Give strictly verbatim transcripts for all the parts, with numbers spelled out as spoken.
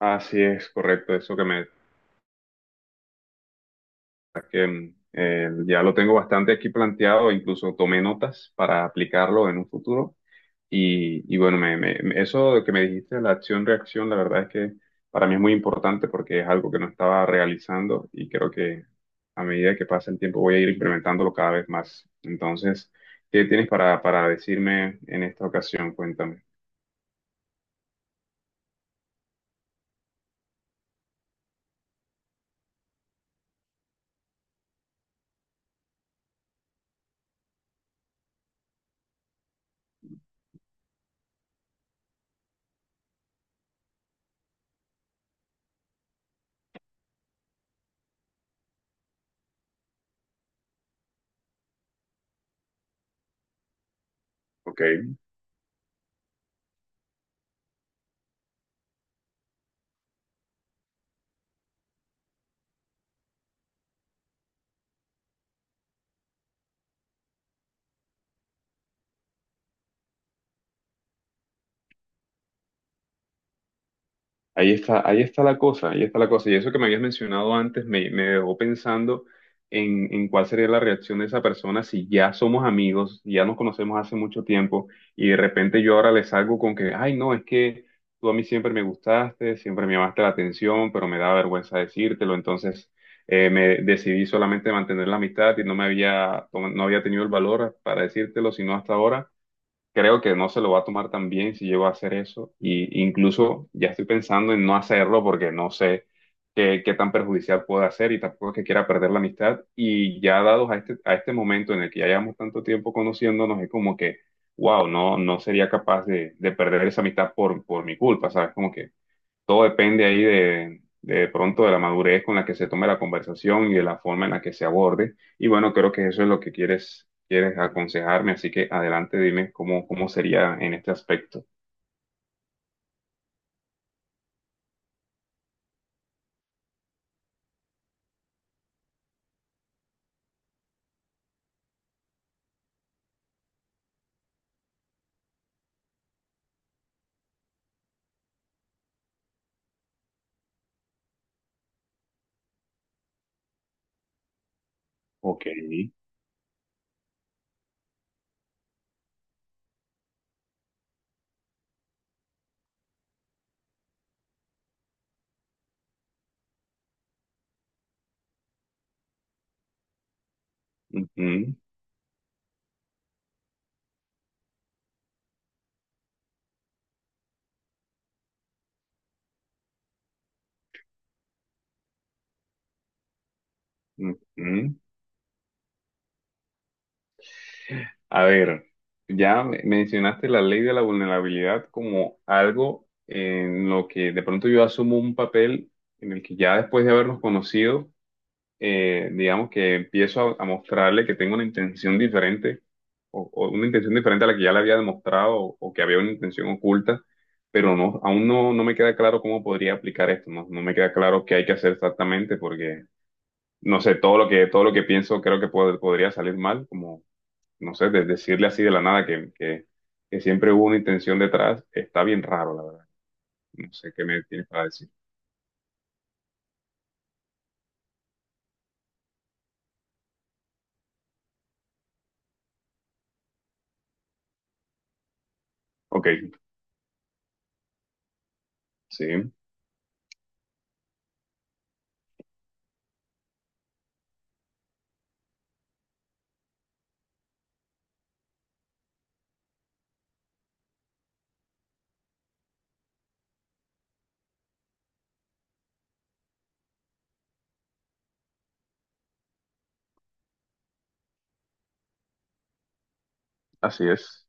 Así es, correcto, eso que me que, mm, eh, ya lo tengo bastante aquí planteado, incluso tomé notas para aplicarlo en un futuro. Y, y bueno, me, me- me- eso que me dijiste, la acción-reacción, la verdad es que para mí es muy importante porque es algo que no estaba realizando y creo que a medida que pasa el tiempo voy a ir implementándolo cada vez más. Entonces, ¿qué tienes para, para decirme en esta ocasión? Cuéntame. Ok. Ahí está, ahí está la cosa, ahí está la cosa. Y eso que me habías mencionado antes me, me dejó pensando en, en cuál sería la reacción de esa persona si ya somos amigos, si ya nos conocemos hace mucho tiempo y de repente yo ahora le salgo con que, ay, no, es que tú a mí siempre me gustaste, siempre me llamaste la atención, pero me da vergüenza decírtelo. Entonces eh, me decidí solamente mantener la amistad y no me había, no había tenido el valor para decírtelo, sino hasta ahora. Creo que no se lo va a tomar tan bien si llego a hacer eso. Y incluso ya estoy pensando en no hacerlo porque no sé qué, qué tan perjudicial puede ser, y tampoco es que quiera perder la amistad. Y ya dados a este, a este momento en el que ya llevamos tanto tiempo conociéndonos, es como que, wow, no, no sería capaz de, de perder esa amistad por, por mi culpa, ¿sabes? Como que todo depende ahí de, de, pronto de la madurez con la que se tome la conversación y de la forma en la que se aborde. Y bueno, creo que eso es lo que quieres, quieres aconsejarme, así que adelante, dime cómo, cómo sería en este aspecto. Ok. Ujú, ujú. A ver, ya me- mencionaste la ley de la vulnerabilidad como algo en lo que de pronto yo asumo un papel en el que ya después de habernos conocido, eh, digamos que empiezo a, a mostrarle que tengo una intención diferente o, o una intención diferente a la que ya le había demostrado o, o que había una intención oculta, pero no, aún no, no me queda claro cómo podría aplicar esto, no, no me queda claro qué hay que hacer exactamente porque, no sé, todo lo que, todo lo que pienso creo que pod- podría salir mal, como, no sé, de decirle así de la nada que, que, que siempre hubo una intención detrás, está bien raro, la verdad. No sé qué me tienes para decir. Ok, sí, así es.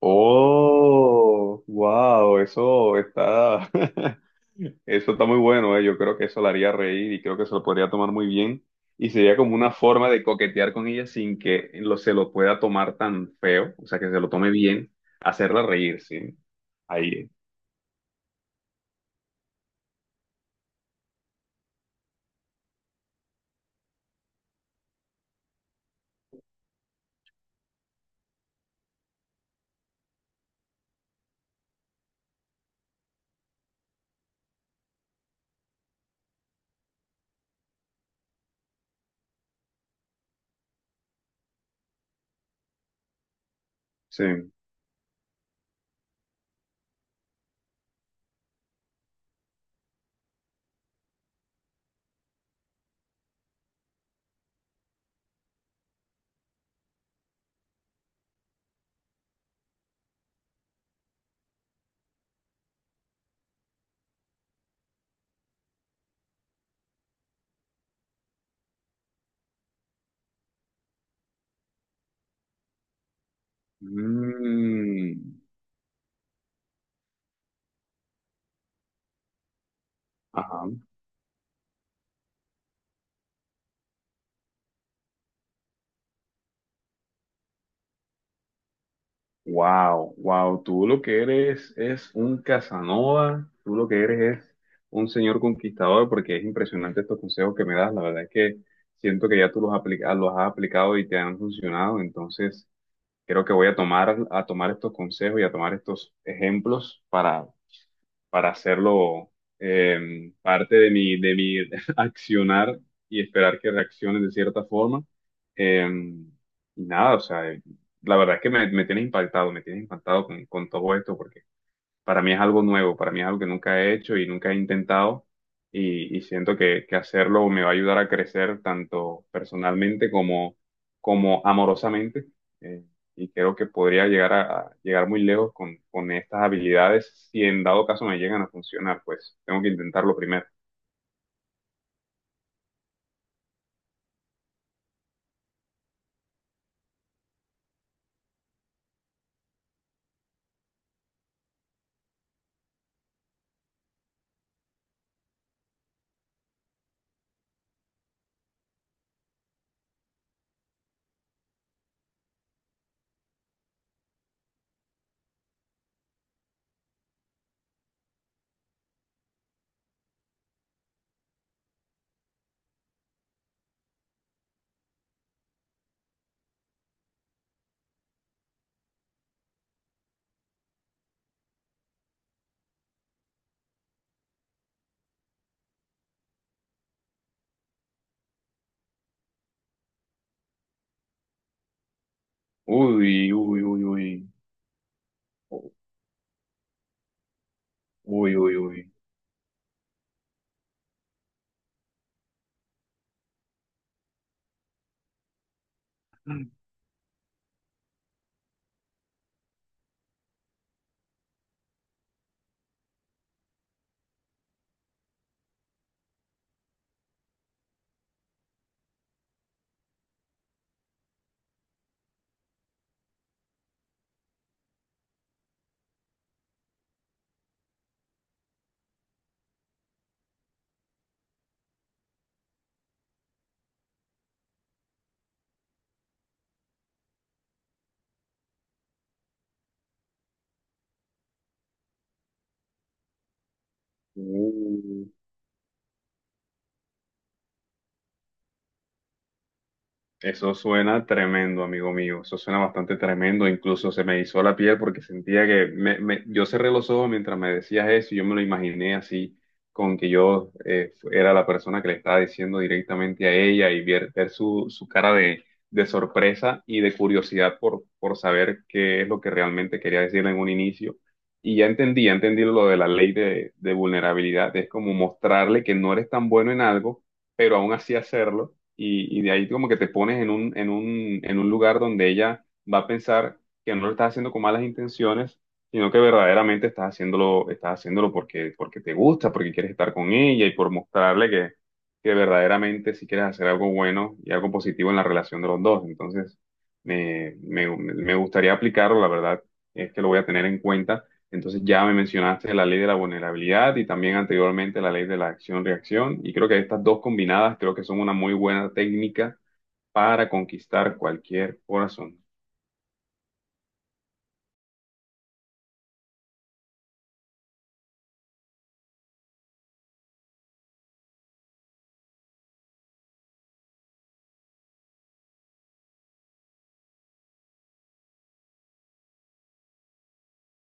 Oh, wow, eso está, eso está muy bueno, eh. Yo creo que eso la haría reír y creo que se lo podría tomar muy bien. Y sería como una forma de coquetear con ella sin que lo, se lo pueda tomar tan feo, o sea, que se lo tome bien, hacerla reír, sí. Ahí, sí. Mm, ajá. Wow, wow, tú lo que eres es un Casanova, tú lo que eres es un señor conquistador, porque es impresionante estos consejos que me das. La verdad es que siento que ya tú los aplica- los has aplicado y te han funcionado. Entonces, creo que voy a tomar, a tomar estos consejos y a tomar estos ejemplos para hacerlo eh, parte de mi, de mi accionar y esperar que reaccionen de cierta forma. Eh, y nada, o sea, eh, la verdad es que me, me tienes impactado, me tienes impactado con, con todo esto, porque para mí es algo nuevo, para mí es algo que nunca he hecho y nunca he intentado y, y siento que, que hacerlo me va a ayudar a crecer tanto personalmente como, como amorosamente. Eh, y creo que podría llegar a, a llegar muy lejos con, con estas habilidades si en dado caso me llegan a funcionar, pues tengo que intentarlo primero. Uy, uy, uy, uy, uy, uy, uy, uy. Eso suena tremendo, amigo mío. Eso suena bastante tremendo. Incluso se me hizo la piel porque sentía que me, me- yo cerré los ojos mientras me decías eso y yo me lo imaginé así, con que yo eh, era la persona que le estaba diciendo directamente a ella y ver, ver su, su cara de, de sorpresa y de curiosidad por, por saber qué es lo que realmente quería decirle en un inicio. Y ya entendí, ya entendí lo de la ley de, de vulnerabilidad. Es como mostrarle que no eres tan bueno en algo, pero aún así hacerlo y, y de ahí como que te pones en un, en un, en un lugar donde ella va a pensar que no lo estás haciendo con malas intenciones, sino que verdaderamente estás haciéndolo, estás haciéndolo porque, porque te gusta, porque quieres estar con ella y por mostrarle que, que verdaderamente si quieres hacer algo bueno y algo positivo en la relación de los dos. Entonces, me, me, me gustaría aplicarlo, la verdad, es que lo voy a tener en cuenta. Entonces ya me mencionaste la ley de la vulnerabilidad y también anteriormente la ley de la acción-reacción, y creo que estas dos combinadas creo que son una muy buena técnica para conquistar cualquier corazón.